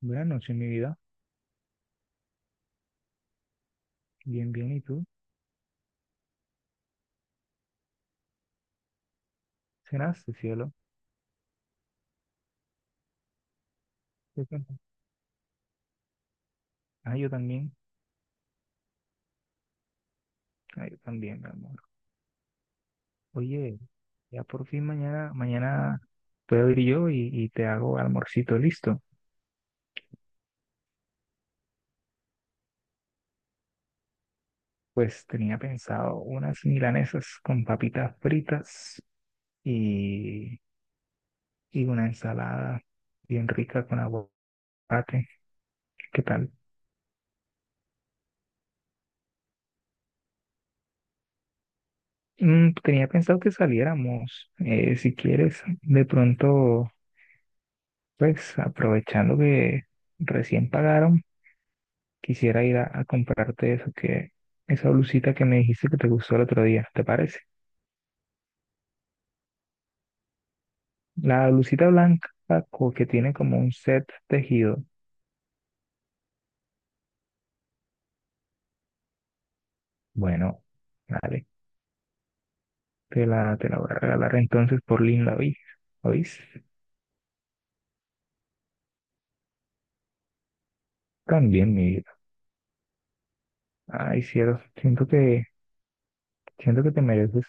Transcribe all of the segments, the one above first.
Buenas noches, mi vida. Bien, bien. ¿Y tú? ¿Cenaste, cielo? ¿Qué cuentas? Ah, yo también. Ah, yo también, mi amor. Oye, ya por fin mañana, mañana puedo ir yo y te hago almorcito listo. Pues tenía pensado unas milanesas con papitas fritas y, y una ensalada bien rica con aguacate. ¿Qué tal? Tenía pensado que saliéramos. Si quieres, de pronto, pues aprovechando que recién pagaron. Quisiera ir a comprarte esa blusita que me dijiste que te gustó el otro día, ¿te parece? La blusita blanca que tiene como un set tejido. Bueno, vale, te la voy a regalar entonces por vi ¿Oís? También, mi vida. Ay, cielo, siento que te mereces,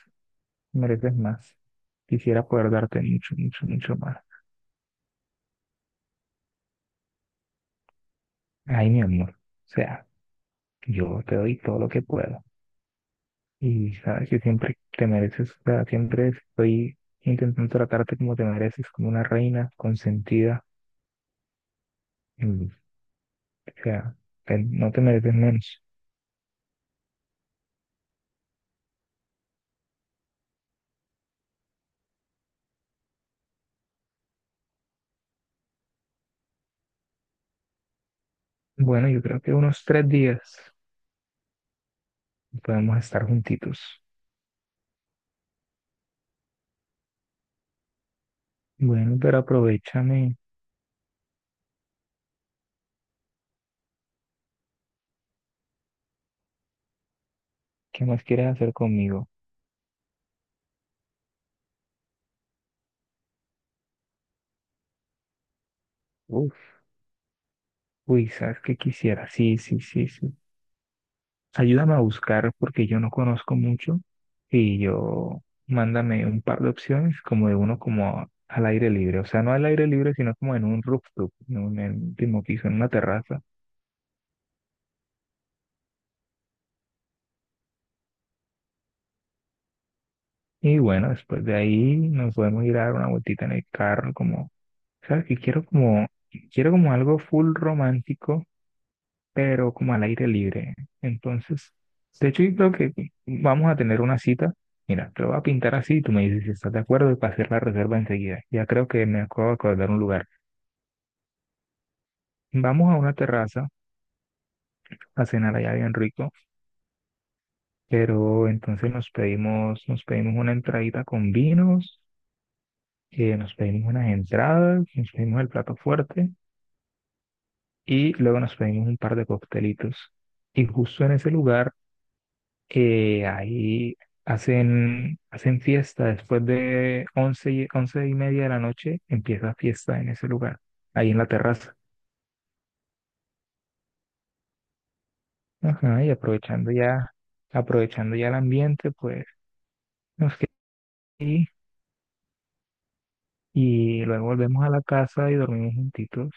mereces más. Quisiera poder darte mucho, mucho, mucho más. Ay, mi amor. O sea, yo te doy todo lo que puedo. Y sabes que siempre te mereces, o sea, siempre estoy intentando tratarte como te mereces, como una reina consentida. Y, o sea, no te mereces menos. Bueno, yo creo que unos 3 días podemos estar juntitos. Bueno, pero aprovechame. ¿Qué más quieres hacer conmigo? Uf, uy, ¿sabes qué quisiera? Sí, sí, sí, sí. Ayúdame a buscar porque yo no conozco mucho y yo mándame un par de opciones como de uno como al aire libre, o sea, no al aire libre, sino como en un rooftop, en un último piso, en una terraza. Y bueno, después de ahí nos podemos ir a dar una vueltita en el carro, como, ¿sabes? Que quiero como algo full romántico pero como al aire libre. Entonces, de hecho, yo creo que vamos a tener una cita. Mira, te lo voy a pintar así y tú me dices si estás de acuerdo y para hacer la reserva enseguida. Ya creo que me acabo de acordar un lugar. Vamos a una terraza a cenar allá bien rico, pero entonces nos pedimos una entradita con vinos, nos pedimos unas entradas, nos pedimos el plato fuerte y luego nos pedimos un par de coctelitos. Y justo en ese lugar ahí hacen fiesta después de once y media de la noche, empieza fiesta en ese lugar, ahí en la terraza. Ajá, y aprovechando ya el ambiente, pues nos quedamos ahí y luego volvemos a la casa y dormimos juntitos.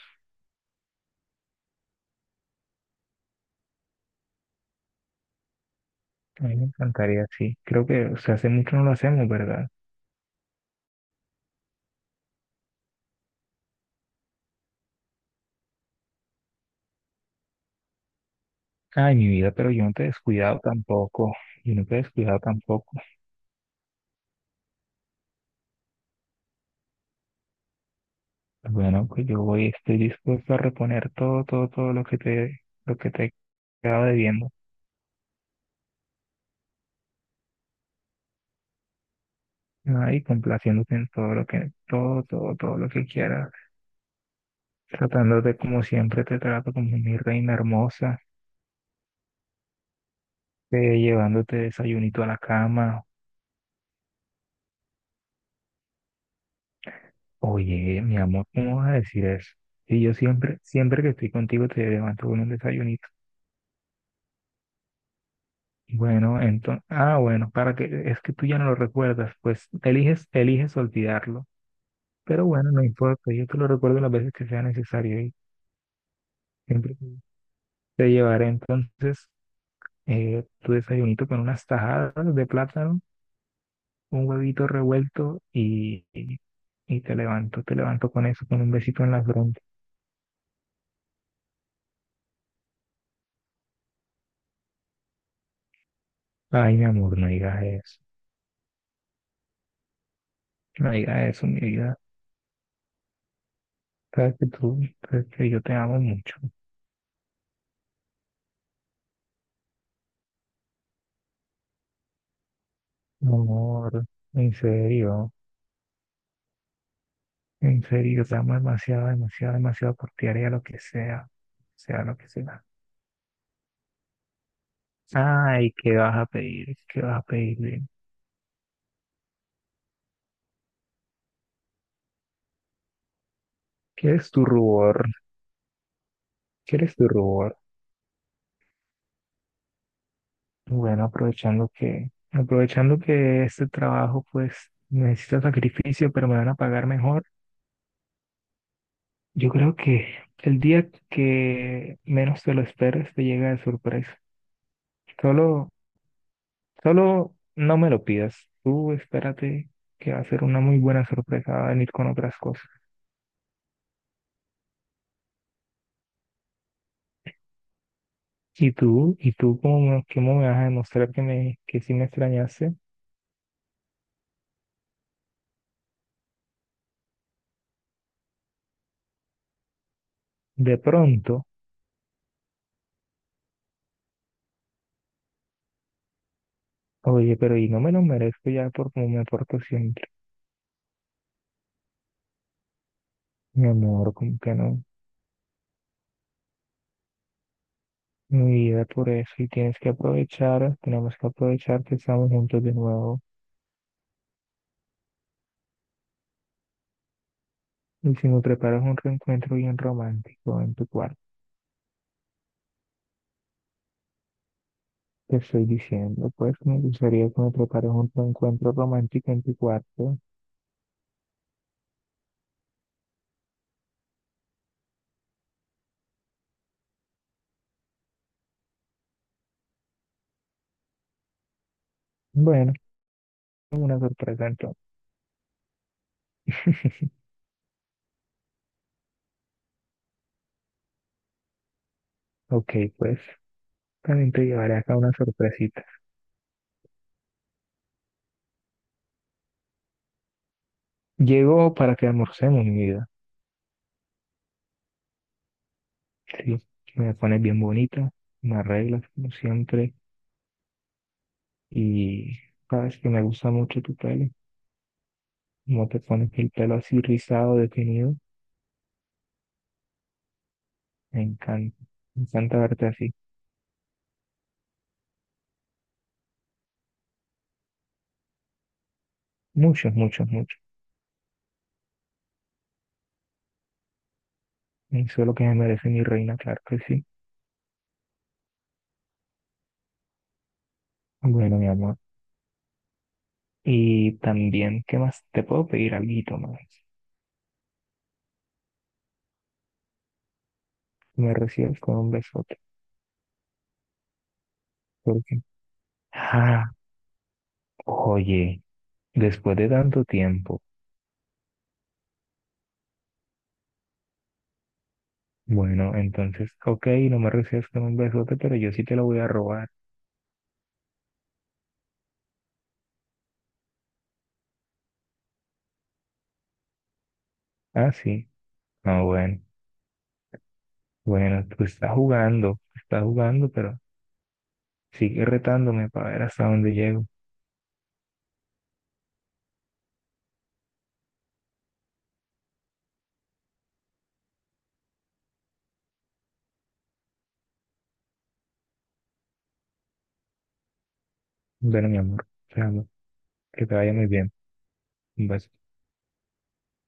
A mí me encantaría, sí. Creo que, o sea, hace mucho no lo hacemos, ¿verdad? Ay, mi vida, pero yo no te he descuidado tampoco. Yo no te he descuidado tampoco. Bueno, pues yo voy, estoy dispuesto a reponer todo, todo, todo lo que te, he quedado debiendo, ¿no? Y complaciéndote en todo, todo, todo lo que quieras, tratándote como siempre te trato, como mi reina hermosa, llevándote desayunito a la cama. Oye, mi amor, ¿cómo vas a decir eso? Y yo siempre, siempre que estoy contigo te levanto con un desayunito. Bueno, entonces, es que tú ya no lo recuerdas, pues eliges olvidarlo. Pero bueno, no importa, yo te lo recuerdo las veces que sea necesario y siempre te llevaré entonces tu desayunito con unas tajadas de plátano, un huevito revuelto y te levanto con eso, con un besito en la frente. Ay, mi amor, no digas eso, no digas eso, mi vida. Sabes que tú, sabes que yo te amo mucho, mi amor, en serio, en serio, yo te amo demasiado, demasiado, demasiado por ti, haría lo que sea, sea lo que sea. Ay, ¿qué vas a pedir? ¿Qué vas a pedir? ¿Quieres tu rubor? ¿Quieres tu rubor? Bueno, aprovechando que este trabajo pues necesita sacrificio, pero me van a pagar mejor. Yo creo que el día que menos te lo esperes te llega de sorpresa. Solo, solo no me lo pidas. Tú espérate que va a ser una muy buena sorpresa, va a venir con otras cosas. Y tú cómo me vas a demostrar que que sí me extrañaste de pronto. Oye, pero y no me lo merezco ya por cómo me porto siempre. Mi amor, como que no. Mi vida, por eso y tienes que aprovechar, tenemos que aprovechar que estamos juntos de nuevo. Y si me preparas un reencuentro bien romántico en tu cuarto, te estoy diciendo, pues me gustaría que me prepares un reencuentro romántico en tu cuarto. Bueno, una sorpresa entonces. Ok, pues también te llevaré acá una sorpresita. Llego para que almorcemos, mi vida. Sí, me pones bien bonita, me arreglas como siempre y sabes que me gusta mucho tu pelo. Como te pones el pelo así rizado, definido. Me encanta, me encanta verte así. Muchos, muchos, muchos. Eso es lo que me merece mi reina, claro que sí. Bueno, mi amor. Y también, ¿qué más? Te puedo pedir algo más. Me recibes con un besote. Porque, ah, oye, después de tanto tiempo. Bueno, entonces, ok, no me recibes con un besote, pero yo sí te lo voy a robar. Ah, sí. Ah, bueno. Bueno, tú estás jugando, pero sigue retándome para ver hasta dónde llego. Bueno, mi amor, te amo. Que te vaya muy bien. Vas